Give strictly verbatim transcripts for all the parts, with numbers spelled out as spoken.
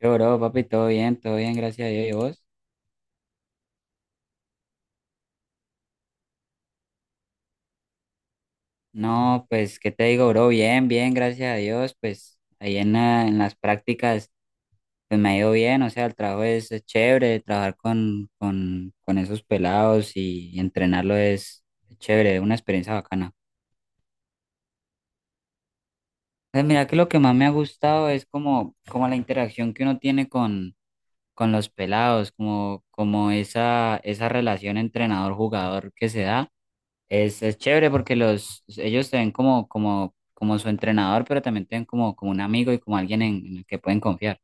Yo, bro, papi, todo bien, todo bien, gracias a Dios. ¿Y vos? No, pues, ¿qué te digo, bro? Bien, bien, gracias a Dios. Pues, ahí en, la- en las prácticas, pues me ha ido bien. O sea, el trabajo es, es chévere, trabajar con, con, con esos pelados y, y entrenarlo es chévere, una experiencia bacana. Pues, mira que lo que más me ha gustado es como, como la interacción que uno tiene con, con los pelados, como, como esa, esa relación entrenador-jugador que se da. Es, es chévere porque los, ellos te ven como, como, como su entrenador, pero también te ven como, como un amigo y como alguien en, en el que pueden confiar.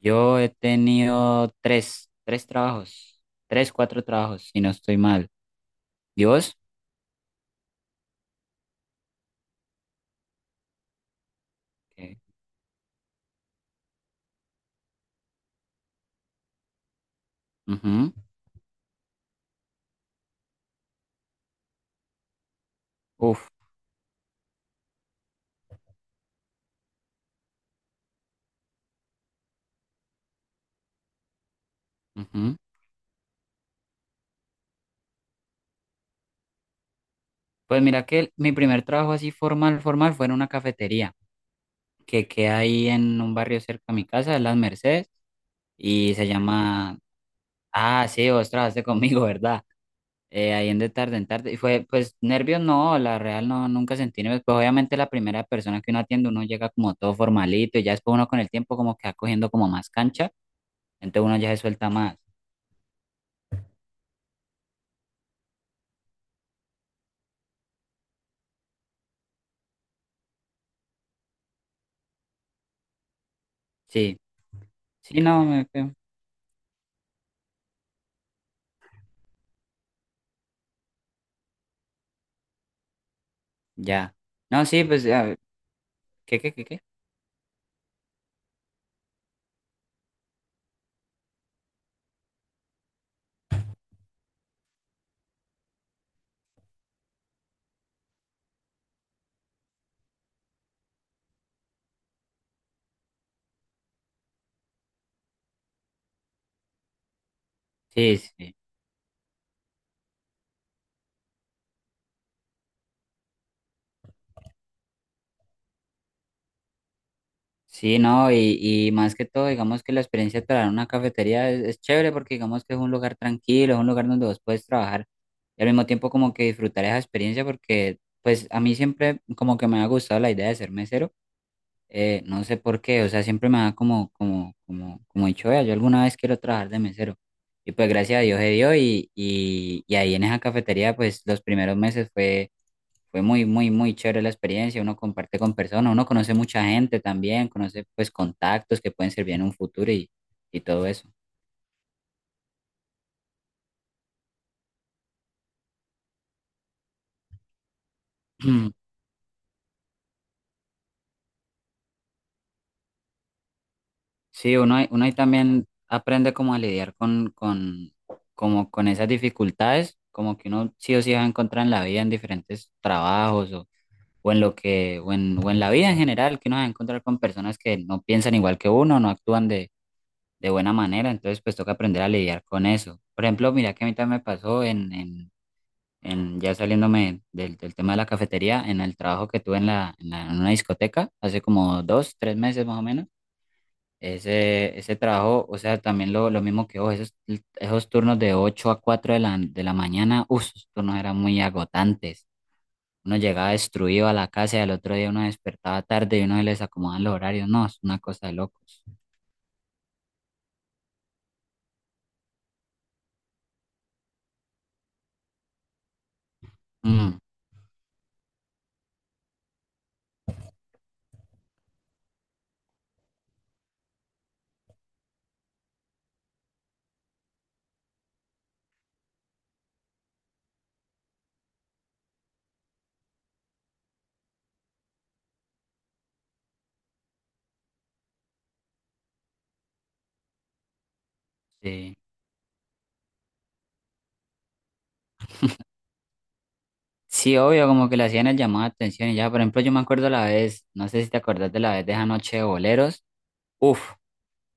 Yo he tenido tres, tres trabajos, tres, cuatro trabajos, si no estoy mal. ¿Y vos? ¿Qué? Ujú. Uf, ujú. Pues mira que el- mi primer trabajo así formal, formal, fue en una cafetería que queda ahí en un barrio cerca a mi casa, en Las Mercedes, y se llama... Ah, sí, vos trabajaste conmigo, ¿verdad? Eh, ahí en de tarde en tarde. Y fue, pues, nervios no, la real no, nunca sentí nervios. Pues obviamente la primera persona que uno atiende, uno llega como todo formalito y ya después uno con el tiempo como que va cogiendo como más cancha, entonces uno ya se suelta más. Sí, sí, no, me, me- ya. No, sí, pues, ya, ¿qué, qué, qué, qué? Sí, sí. Sí, no, y, y más que todo, digamos que la experiencia de trabajar en una cafetería es, es chévere porque digamos que es un lugar tranquilo, es un lugar donde vos puedes trabajar y al mismo tiempo como que disfrutar esa experiencia, porque pues a mí siempre como que me ha gustado la idea de ser mesero. Eh, no sé por qué, o sea, siempre me da como, como, como, como dicho, "Vea, yo alguna vez quiero trabajar de mesero". Y pues gracias a Dios se dio, y, y, y ahí en esa cafetería pues los primeros meses fue, fue muy, muy, muy chévere la experiencia. Uno comparte con personas, uno conoce mucha gente también, conoce pues contactos que pueden servir en un futuro y, y todo eso. Sí, uno, ahí- uno ahí también aprende como a lidiar con, con, como con esas dificultades, como que uno sí o sí va a encontrar en la vida en diferentes trabajos, o, o en lo que, o en, o en la vida en general, que uno va a encontrar con personas que no piensan igual que uno, no actúan de, de buena manera, entonces pues toca aprender a lidiar con eso. Por ejemplo, mira que a mí también me pasó en, en, en ya saliéndome del, del tema de la cafetería, en el trabajo que tuve en la, en la- en una discoteca hace como dos, tres meses más o menos. Ese, ese trabajo, o sea, también lo, lo mismo que vos, esos, esos turnos de ocho a cuatro de la, de la mañana, uff, esos turnos eran muy agotantes. Uno llegaba destruido a la casa y al otro día uno despertaba tarde y uno se les acomodaban los horarios. No, es una cosa de locos. Mm, sí. Sí, obvio, como que le hacían el llamado de atención y ya. Por ejemplo, yo me acuerdo la vez, no sé si te acordás, de la vez de esa noche de boleros. Uf,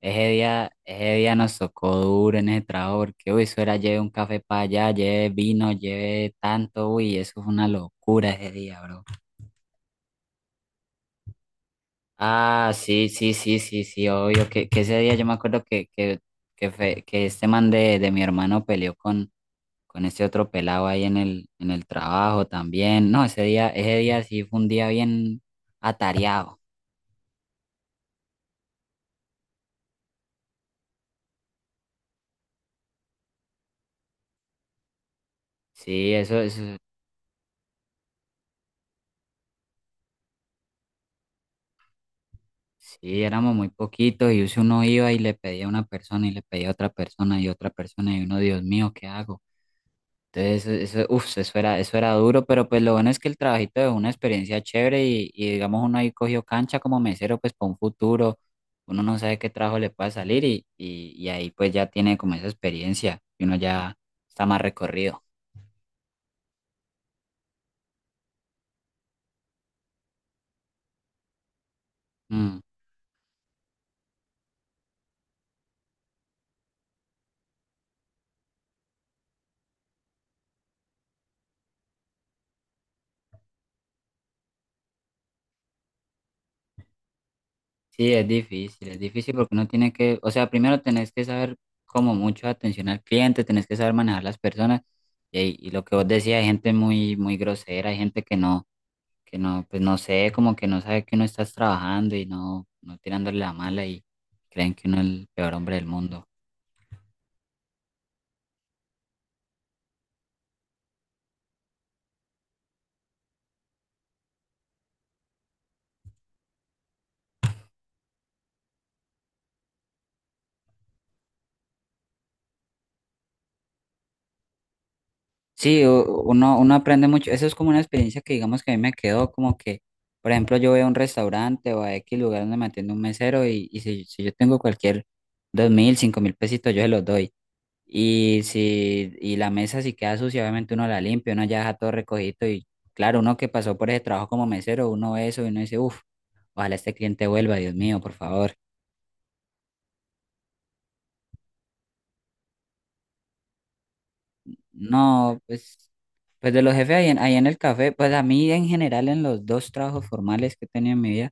ese día, ese día nos tocó duro en ese trabajo, porque, uy, eso era lleve un café para allá, lleve vino, lleve tanto. Uy, eso fue una locura ese día, bro. Ah, sí, sí, sí, sí, sí, obvio, que, que ese día yo me acuerdo que, que, que, fe- que este man de, de mi hermano peleó con, con este otro pelado ahí en el, en el trabajo también. No, ese día, ese día sí fue un día bien atareado. Sí, eso es. Sí, éramos muy poquitos, y si uno iba y le pedía a una persona y le pedía a otra persona y otra persona, y uno, Dios mío, ¿qué hago? Entonces, eso, eso, uf, eso era, eso era duro, pero pues lo bueno es que el trabajito es una experiencia chévere, y, y digamos uno ahí cogió cancha como mesero pues para un futuro. Uno no sabe qué trabajo le pueda salir, y, y, y ahí pues ya tiene como esa experiencia y uno ya está más recorrido. Mm. Sí, es difícil, es difícil, porque uno tiene que, o sea, primero tenés que saber como mucho atención al cliente, tenés que saber manejar las personas, y, ahí- y lo que vos decías, hay gente muy, muy grosera, hay gente que no, que no, pues no sé, como que no sabe que uno estás trabajando y no, no tirándole la mala, y creen que uno es el peor hombre del mundo. Sí, u- uno, uno aprende mucho. Eso es como una experiencia que digamos que a mí me quedó como que, por ejemplo, yo voy a un restaurante o a X lugar donde me atiende un mesero, y, y si, si yo tengo cualquier dos mil, cinco mil pesitos, yo se los doy. Y si y la mesa si queda sucia, obviamente uno la limpia, uno ya deja todo recogido y, claro, uno que pasó por ese trabajo como mesero, uno ve eso y uno dice, uff, ojalá este cliente vuelva, Dios mío, por favor. No, pues, pues de los jefes ahí en, ahí en el café, pues a mí, en general, en los dos trabajos formales que he tenido en mi vida,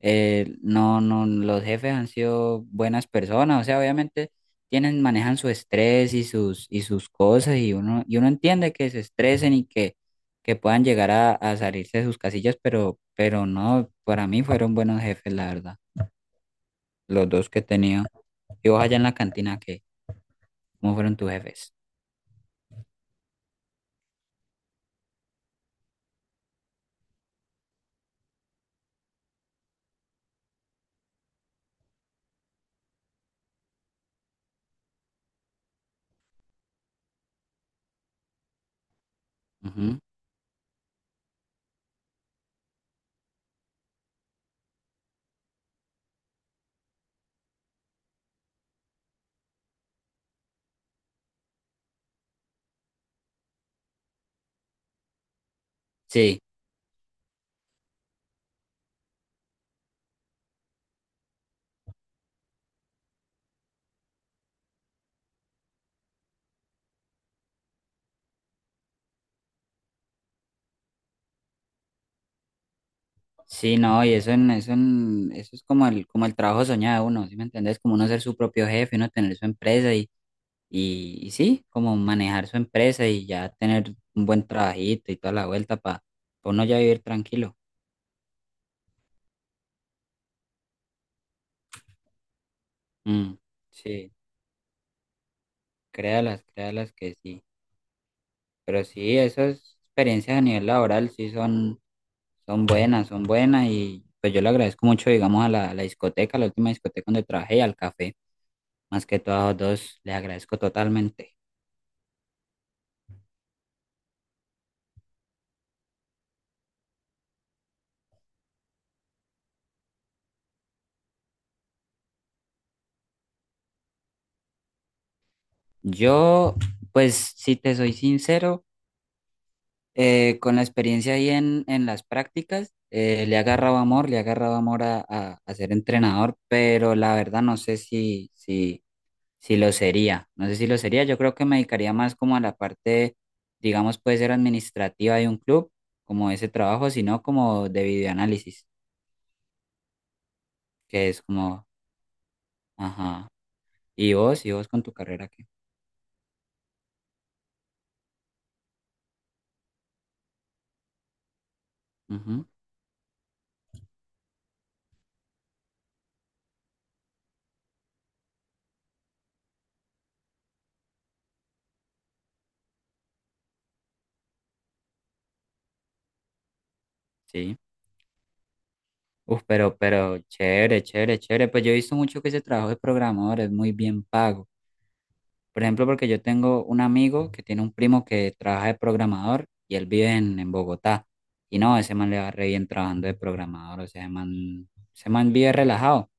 eh, no, no, los jefes han sido buenas personas. O sea, obviamente tienen, manejan su estrés y sus, y sus cosas, y uno, y uno entiende que se estresen y que, que puedan llegar a, a salirse de sus casillas, pero, pero no, para mí fueron buenos jefes, la verdad, los dos que he tenido. Y vos allá en la cantina, ¿qué? ¿Cómo fueron tus jefes? Ujú. Sí, sí, no, y eso, en, eso, en- eso es como el, como el trabajo soñado de uno, ¿sí me entendés? Como uno ser su propio jefe, uno tener su empresa, y Y, y sí, como manejar su empresa y ya tener un buen trabajito y toda la vuelta para uno ya vivir tranquilo. Mm, sí, créalas, créalas que sí. Pero sí, esas experiencias a nivel laboral sí son, son buenas, son buenas, y pues yo le agradezco mucho, digamos, a la, a la discoteca, a la última discoteca donde trabajé y al café. Más que todo a los dos, les agradezco totalmente. Yo, pues, si te soy sincero, eh, con la experiencia ahí en, en las prácticas, eh, le ha agarrado amor, le ha agarrado amor a, a- a ser entrenador, pero la verdad no sé si, si, si lo sería, no sé si lo sería. Yo creo que me dedicaría más como a la parte, digamos, puede ser administrativa de un club, como ese trabajo, sino como de videoanálisis, que es como, ajá. ¿Y vos, y vos con tu carrera que sí. Uf, pero, pero chévere, chévere, chévere. Pues yo he visto mucho que ese trabajo de programador es muy bien pago. Por ejemplo, porque yo tengo un amigo que tiene un primo que trabaja de programador y él vive en, en Bogotá. Y no, ese man le va re bien trabajando de programador. O sea, ese man, ese man vive relajado,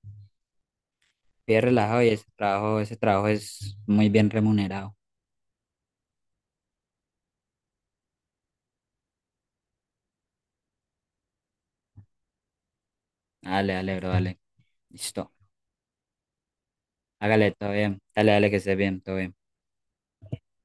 vive relajado, y ese trabajo, ese trabajo es muy bien remunerado. Dale, dale, bro, dale. Listo. Hágale, todo bien. Dale, dale, que esté bien, todo bien.